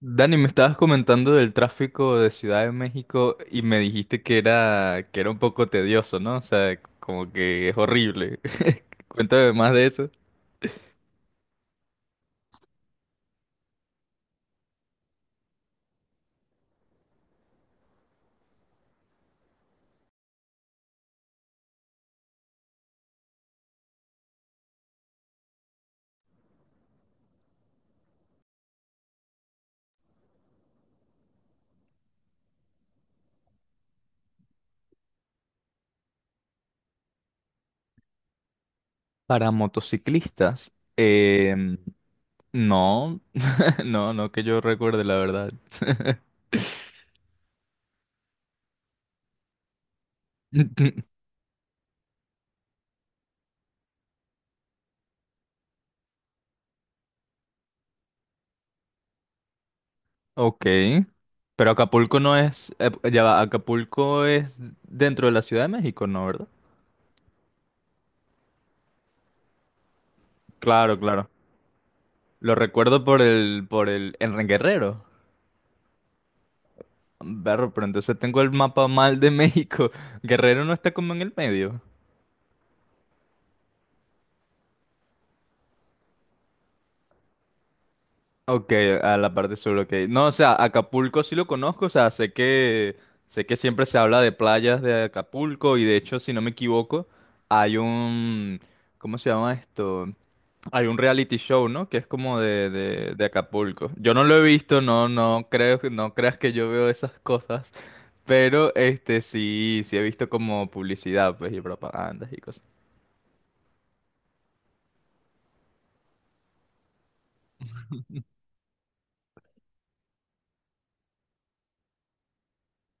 Dani, me estabas comentando del tráfico de Ciudad de México y me dijiste que era un poco tedioso, ¿no? O sea, como que es horrible. Cuéntame más de eso. Para motociclistas, no, no que yo recuerde, la verdad. Ok, pero Acapulco no es, ya va, Acapulco es dentro de la Ciudad de México, ¿no, verdad? Claro, claro. Lo recuerdo por el, en Guerrero. Berro, pero entonces tengo el mapa mal de México. Guerrero no está como en el medio. Ok, a la parte sur, ok. No, o sea, Acapulco sí lo conozco, o sea, sé que siempre se habla de playas de Acapulco y de hecho, si no me equivoco, hay un, ¿cómo se llama esto? Hay un reality show, ¿no? Que es como de, de Acapulco. Yo no lo he visto, no, no creo, no creas que yo veo esas cosas, pero este sí, sí he visto como publicidad, pues, y propagandas y cosas.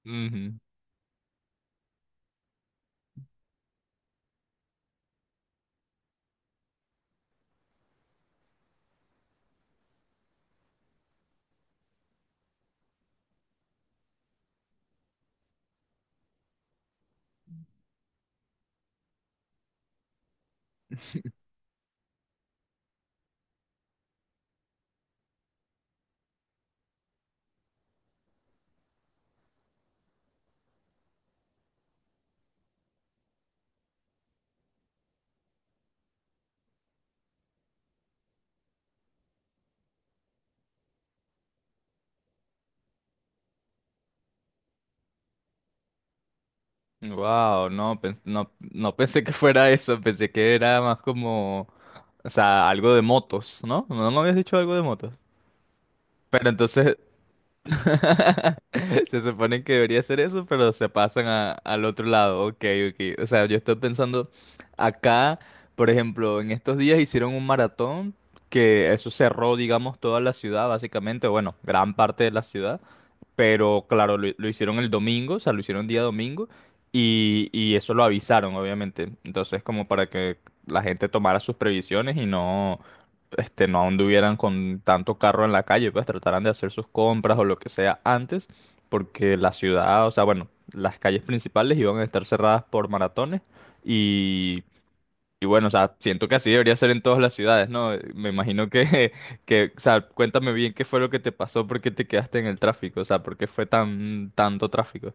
Ujú. Wow, no, no, no pensé que fuera eso, pensé que era más como, o sea, algo de motos, ¿no? No me habías dicho algo de motos. Pero entonces, se supone que debería ser eso, pero se pasan al otro lado, ok, ok. O sea, yo estoy pensando, acá, por ejemplo, en estos días hicieron un maratón que eso cerró, digamos, toda la ciudad, básicamente, bueno, gran parte de la ciudad, pero claro, lo, hicieron el domingo, o sea, lo hicieron día domingo y eso lo avisaron, obviamente. Entonces, como para que la gente tomara sus previsiones y no, este, no anduvieran con tanto carro en la calle, pues trataran de hacer sus compras o lo que sea antes, porque la ciudad, o sea, bueno, las calles principales iban a estar cerradas por maratones y y bueno, o sea, siento que así debería ser en todas las ciudades, ¿no? Me imagino que, que, o sea, cuéntame bien qué fue lo que te pasó, por qué te quedaste en el tráfico, o sea, por qué fue tan, tanto tráfico.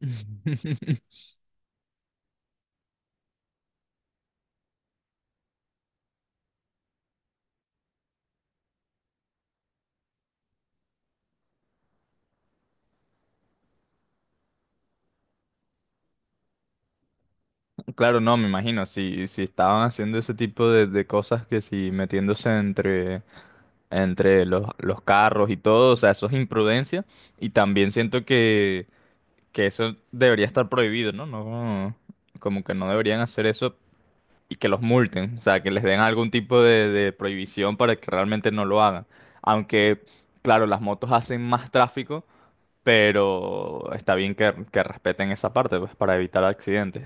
Claro, no, me imagino, si, si estaban haciendo ese tipo de cosas que si metiéndose entre, entre los, carros y todo, o sea, eso es imprudencia y también siento que eso debería estar prohibido, ¿no? No, como que no deberían hacer eso y que los multen, o sea, que les den algún tipo de prohibición para que realmente no lo hagan. Aunque, claro, las motos hacen más tráfico, pero está bien que respeten esa parte, pues, para evitar accidentes.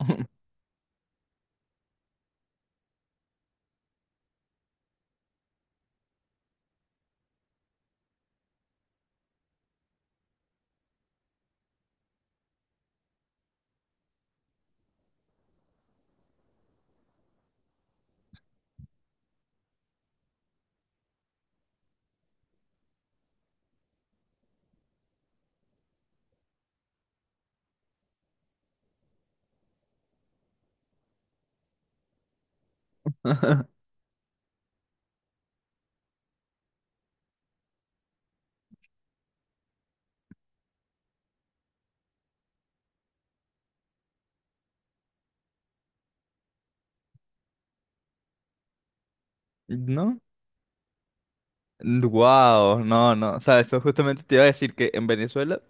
¿No? Wow, no, no. O sea, eso justamente te iba a decir que en Venezuela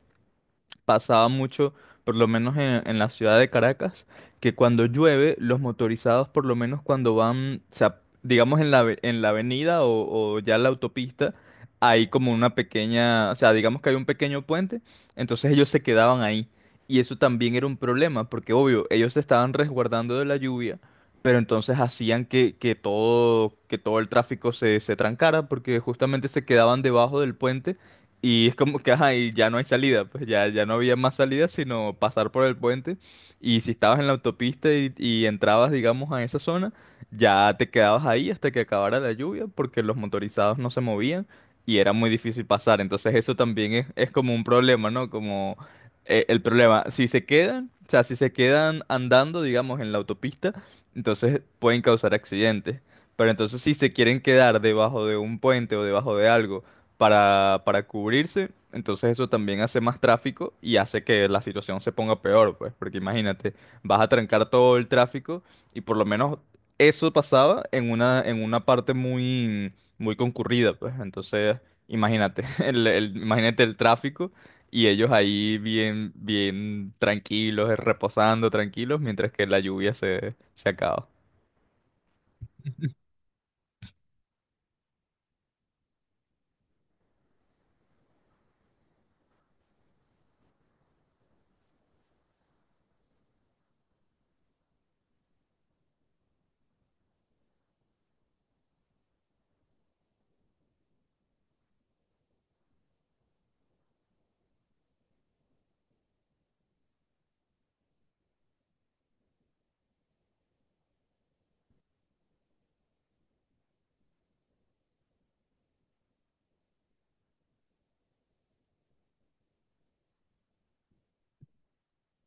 pasaba mucho, por lo menos en la ciudad de Caracas, que cuando llueve, los motorizados, por lo menos cuando van, o sea, digamos en la, en la avenida o ya la autopista, hay como una pequeña, o sea, digamos que hay un pequeño puente, entonces ellos se quedaban ahí. Y eso también era un problema, porque obvio, ellos se estaban resguardando de la lluvia, pero entonces hacían que todo el tráfico se, se trancara, porque justamente se quedaban debajo del puente y es como que, ajá, y ya no hay salida, pues ya, ya no había más salida sino pasar por el puente. Y si estabas en la autopista y entrabas, digamos, a esa zona, ya te quedabas ahí hasta que acabara la lluvia porque los motorizados no se movían y era muy difícil pasar. Entonces eso también es como un problema, ¿no? Como el problema, si se quedan, o sea, si se quedan andando, digamos, en la autopista, entonces pueden causar accidentes. Pero entonces si se quieren quedar debajo de un puente o debajo de algo, para cubrirse. Entonces eso también hace más tráfico y hace que la situación se ponga peor, pues, porque imagínate, vas a trancar todo el tráfico y por lo menos eso pasaba en una parte muy, muy concurrida, pues. Entonces, imagínate, el, imagínate el tráfico y ellos ahí bien, bien tranquilos, reposando tranquilos, mientras que la lluvia se, se acaba.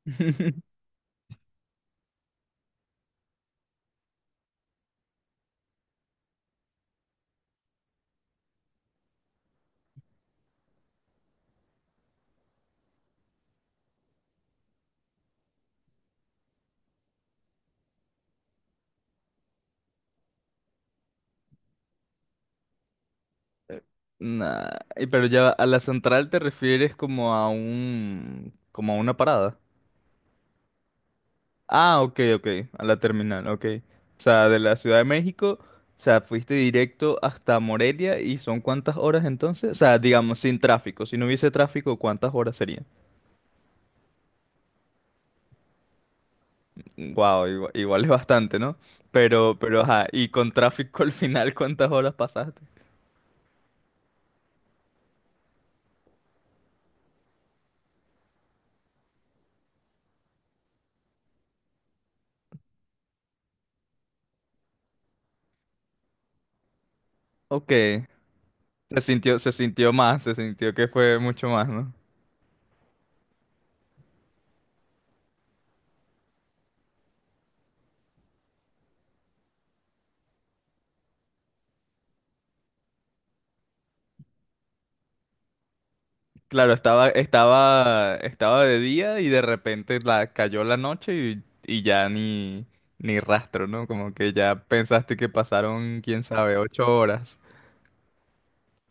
Nah, y pero ya a la central te refieres como a un, como a una parada. Ah, ok, ok, a la terminal, ok. O sea, de la Ciudad de México, o sea, fuiste directo hasta Morelia y ¿son cuántas horas entonces? O sea, digamos, sin tráfico, si no hubiese tráfico, ¿cuántas horas serían? Wow, igual, igual es bastante, ¿no? Pero, ajá, y con tráfico al final, ¿cuántas horas pasaste? Ok, se sintió más, se sintió que fue mucho más, ¿no? Claro, estaba, estaba de día y de repente la, cayó la noche y ya ni, ni rastro, ¿no? Como que ya pensaste que pasaron, quién sabe, 8 horas.